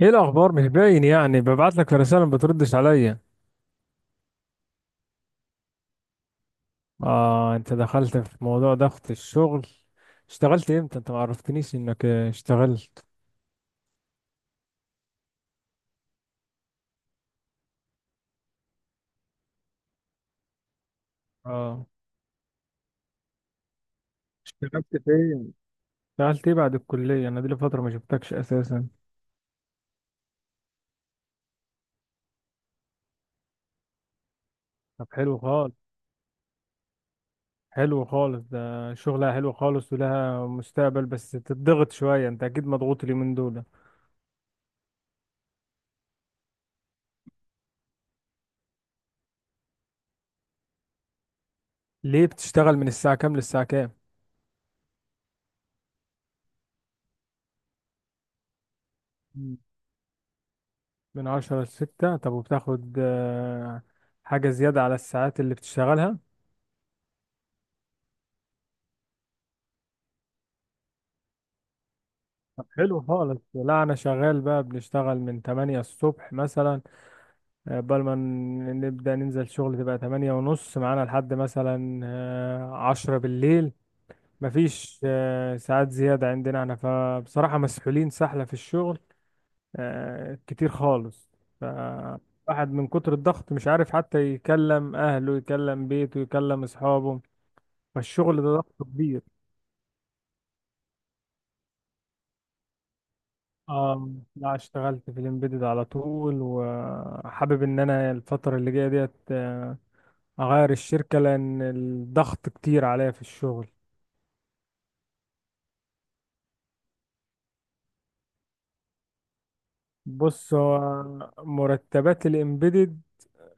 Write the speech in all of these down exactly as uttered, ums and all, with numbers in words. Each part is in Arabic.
ايه الاخبار؟ مش باين، يعني ببعت لك رساله ما بتردش عليا. اه، انت دخلت في موضوع ضغط الشغل. اشتغلت امتى؟ انت ما عرفتنيش انك آه، اشتغلت. اه، اشتغلت في ايه؟ اشتغلت ايه بعد الكليه؟ انا دي لي فتره ما شفتكش اساسا. طب حلو خالص. حلو خالص، ده شغلها حلو خالص ولها مستقبل، بس تتضغط شويه، انت اكيد مضغوط اليومين دول. ليه؟ بتشتغل من الساعه كام للساعه كام؟ مم. من عشرة لستة؟ طب وبتاخد آه، حاجه زياده على الساعات اللي بتشتغلها؟ طب حلو خالص. لا، انا شغال بقى، بنشتغل من تمانية الصبح مثلا، آه، قبل ما ن- نبدأ ننزل شغل تبقى ثمانية ونص، معانا لحد مثلا آه، عشرة بالليل. مفيش آه، ساعات زيادة عندنا احنا، فبصراحة مسحولين سحلة في الشغل آه، كتير خالص. فالواحد من كتر الضغط مش عارف حتى يكلم اهله، يكلم بيته، يكلم اصحابه. فالشغل ده ضغط كبير. اه، لا اشتغلت في الامبيدد على طول، وحابب ان انا الفترة اللي جاية ديت آه، اغير الشركة لان الضغط كتير عليا في الشغل. بص، هو مرتبات الامبيدد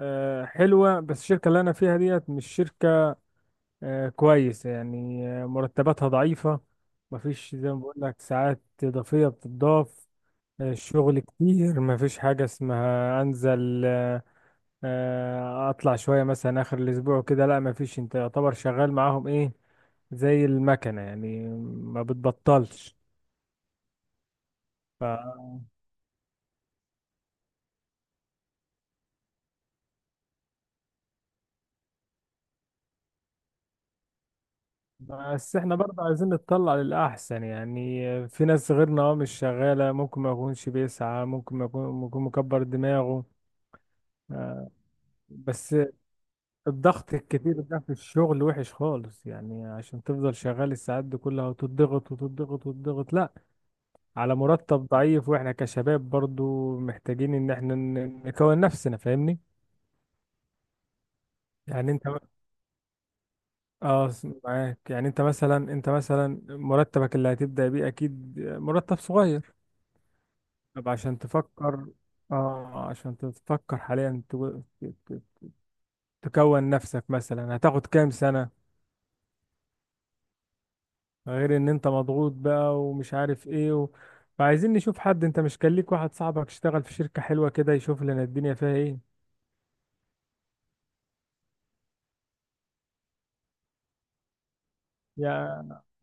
آه، حلوة، بس الشركة اللي انا فيها ديت مش شركة آه، كويسة يعني، آه، مرتباتها ضعيفة، مفيش زي ما بقول لك ساعات إضافية بتضاف. آه، الشغل كتير، مفيش حاجة اسمها انزل آه، آه، اطلع شويه مثلا اخر الاسبوع كده، لا ما فيش. انت يعتبر شغال معاهم ايه؟ زي المكنه يعني، ما بتبطلش. ف بس احنا برضه عايزين نتطلع للاحسن، يعني في ناس غيرنا اه مش شغاله، ممكن ما يكونش بيسعى، ممكن ما يكون ممكن مكبر دماغه. آه، بس الضغط الكتير ده في الشغل وحش خالص، يعني عشان تفضل شغال الساعات دي كلها وتضغط وتضغط وتضغط لا، على مرتب ضعيف، واحنا كشباب برضو محتاجين ان احنا ن- نكون نفسنا، فاهمني؟ يعني انت اه معاك، يعني انت مثلا انت مثلا مرتبك اللي هتبدأ بيه اكيد مرتب صغير. طب عشان تفكر، اه عشان تفكر حاليا تو- ت- تكون نفسك، مثلا هتاخد كام سنة؟ غير ان انت مضغوط بقى ومش عارف ايه. و... فعايزين نشوف حد، انت مش كان ليك واحد صاحبك اشتغل في شركة حلوة كده، يشوف لنا الدنيا فيها ايه؟ يا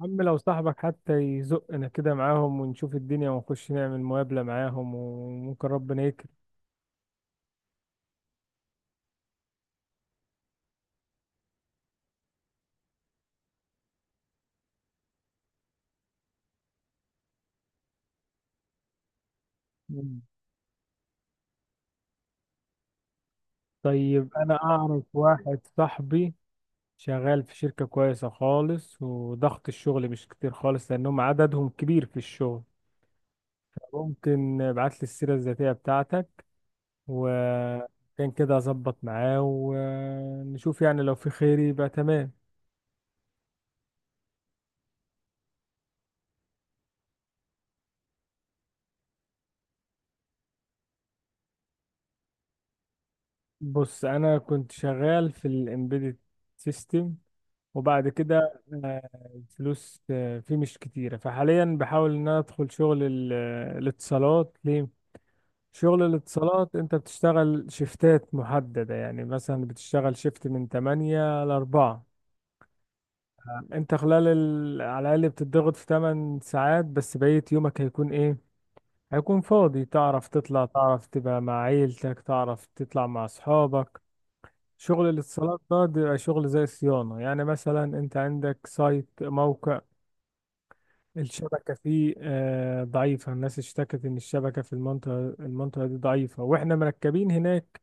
عم لو صاحبك حتى يزقنا كده معاهم، ونشوف الدنيا ونخش نعمل مقابلة معاهم، وممكن ربنا يكرم. مم. طيب، أنا أعرف واحد صاحبي شغال في شركة كويسة خالص وضغط الشغل مش كتير خالص، لأنهم عددهم كبير في الشغل. ممكن ابعت لي السيرة الذاتية بتاعتك، وكان كده أظبط معاه ونشوف، يعني لو في خير يبقى تمام. بص، أنا كنت شغال في الإمبيدد سيستم، وبعد كده آه، الفلوس آه، فيه مش كتيرة، فحاليا بحاول ان انا ادخل شغل ال- آه، الاتصالات. ليه؟ شغل الاتصالات انت بتشتغل شيفتات محددة، يعني مثلا بتشتغل شيفت من ثمانية ل أربعة. انت خلال ال... على الاقل بتضغط في ثمان ساعات، بس بقية يومك هيكون ايه؟ هيكون فاضي، تعرف تطلع، تعرف تبقى مع عيلتك، تعرف تطلع مع اصحابك. شغل الاتصالات ده بيبقى شغل زي صيانة، يعني مثلا انت عندك سايت موقع الشبكة فيه آه، ضعيفة، الناس اشتكت إن الشبكة في المنطقة المنطقة دي ضعيفة، وإحنا مركبين هناك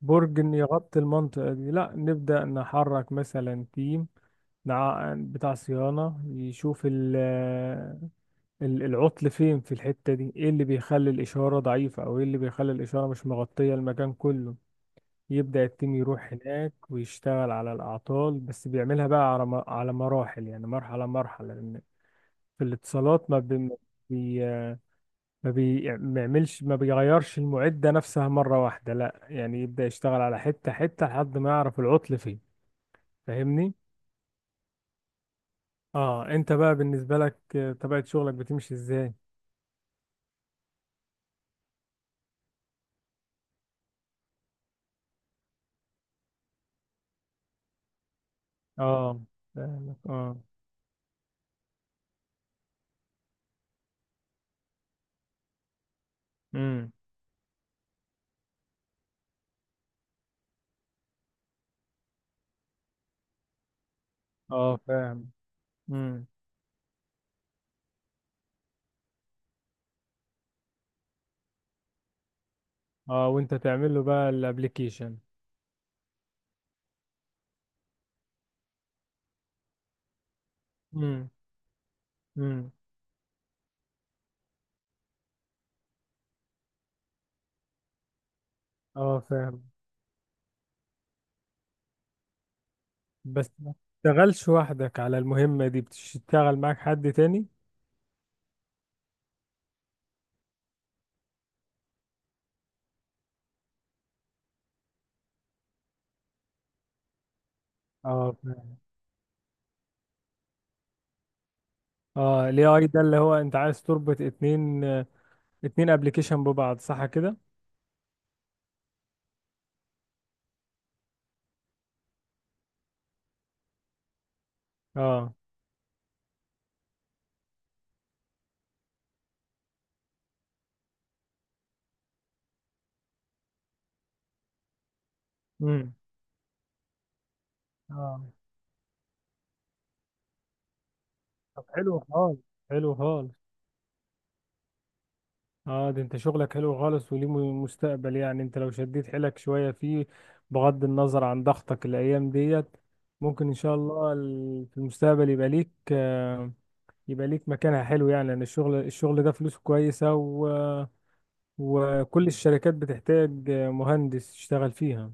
برج إن يغطي المنطقة دي، لا نبدأ نحرك مثلا تيم نع- بتاع صيانة يشوف ال- ال- العطل فين في الحتة دي، ايه اللي بيخلي الإشارة ضعيفة، او ايه اللي بيخلي الإشارة مش مغطية المكان كله. يبدأ التيم يروح هناك ويشتغل على الأعطال، بس بيعملها بقى على م- على مراحل، يعني مرحلة مرحلة. في الاتصالات ما بي ما بي ما بي- ما بيعملش، ما بيغيرش المعدة نفسها مرة واحدة، لا يعني يبدأ يشتغل على حتة حتة لحد ما يعرف العطل فين. فاهمني؟ اه، انت بقى بالنسبة لك آه، طبيعة شغلك بتمشي ازاي؟ اه فاهمك. اه. امم. اه فاهم. امم. اه وانت تعمل له بقى الابليكيشن. امم. امم. اه فاهم. بس ما بتشتغلش وحدك على المهمة دي، بتشتغل معاك حد تاني؟ اه. اه، الاي اي ده اللي هو انت عايز تربط اتنين آه، اتنين ابلكيشن ببعض، صح كده؟ اه. امم. اه. طب حلو خالص. حلو خالص. اه، ده انت شغلك حلو خالص وليه م- مستقبل، يعني انت لو شديت حيلك شوية فيه، بغض النظر عن ضغطك الايام ديت، ممكن ان شاء الله ال- في المستقبل يبقى ليك آه، يبقى ليك مكانها حلو، يعني لان الشغل الشغل ده فلوسه كويسة، و... وكل الشركات بتحتاج مهندس يشتغل فيها.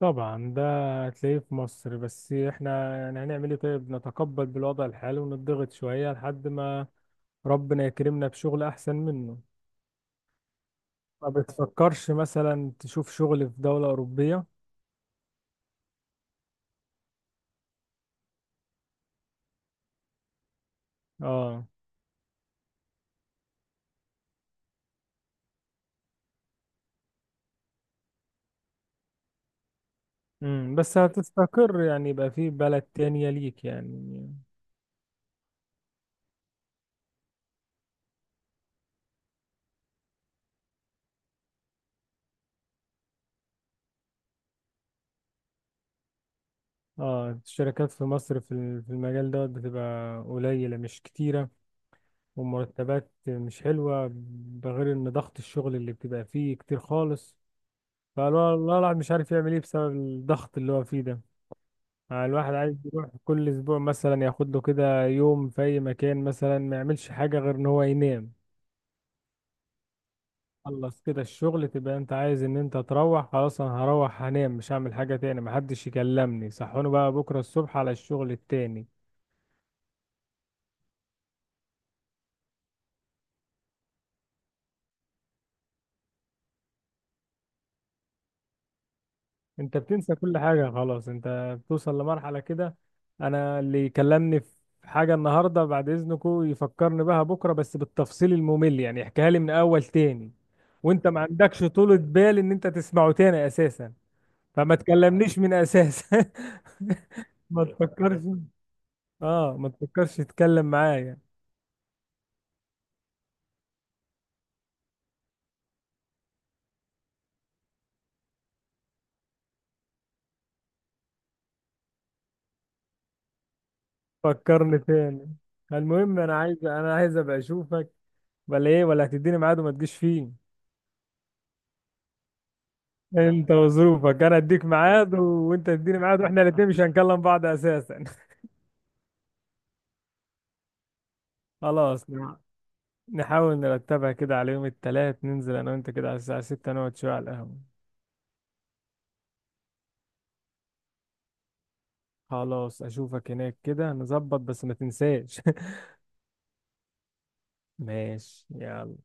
طبعا ده هتلاقيه في مصر، بس احنا يعني هنعمل ايه؟ طيب، نتقبل بالوضع الحالي ونضغط شوية لحد ما ربنا يكرمنا بشغل احسن منه. ما بتفكرش مثلا تشوف شغل في دولة أوروبية؟ اه. امم. بس هتستقر يعني، يبقى في بلد تانية ليك يعني. اه، الشركات في مصر في ال- في المجال ده بتبقى قليلة مش كتيرة، ومرتبات مش حلوة، بغير ان ضغط الشغل اللي بتبقى فيه كتير خالص. فالله الواحد مش عارف يعمل ايه بسبب الضغط اللي هو فيه ده. آه، الواحد عايز يروح كل اسبوع مثلا، ياخد له كده يوم في اي مكان، مثلا ما يعملش حاجه غير ان هو ينام. خلص كده الشغل، تبقى انت عايز ان انت تروح. خلاص، انا هروح هنام، مش هعمل حاجه تاني، محدش يكلمني، صحوني بقى بكره الصبح على الشغل التاني. انت بتنسى كل حاجة خلاص، انت بتوصل لمرحلة كده، انا اللي يكلمني في حاجة النهاردة بعد اذنكو يفكرني بها بكرة، بس بالتفصيل الممل، يعني يحكيها لي من اول تاني، وانت ما عندكش طولة بال ان انت تسمعه تاني اساسا، فما تكلمنيش من اساس. ما تفكرش. اه، ما تفكرش تتكلم معايا. فكرني تاني. المهم انا عايز انا عايز ابقى اشوفك، ولا ايه؟ ولا هتديني ميعاد وما تجيش فيه؟ انت وظروفك، انا اديك ميعاد و- وانت تديني ميعاد، واحنا الاثنين مش هنكلم بعض اساسا. خلاص، نع- نحاول نرتبها كده على يوم الثلاث، ننزل انا وانت كده على الساعة ستة، نقعد شوية على القهوة. خلاص، اشوفك هناك كده، نظبط بس ما تنساش. ماشي، يلا.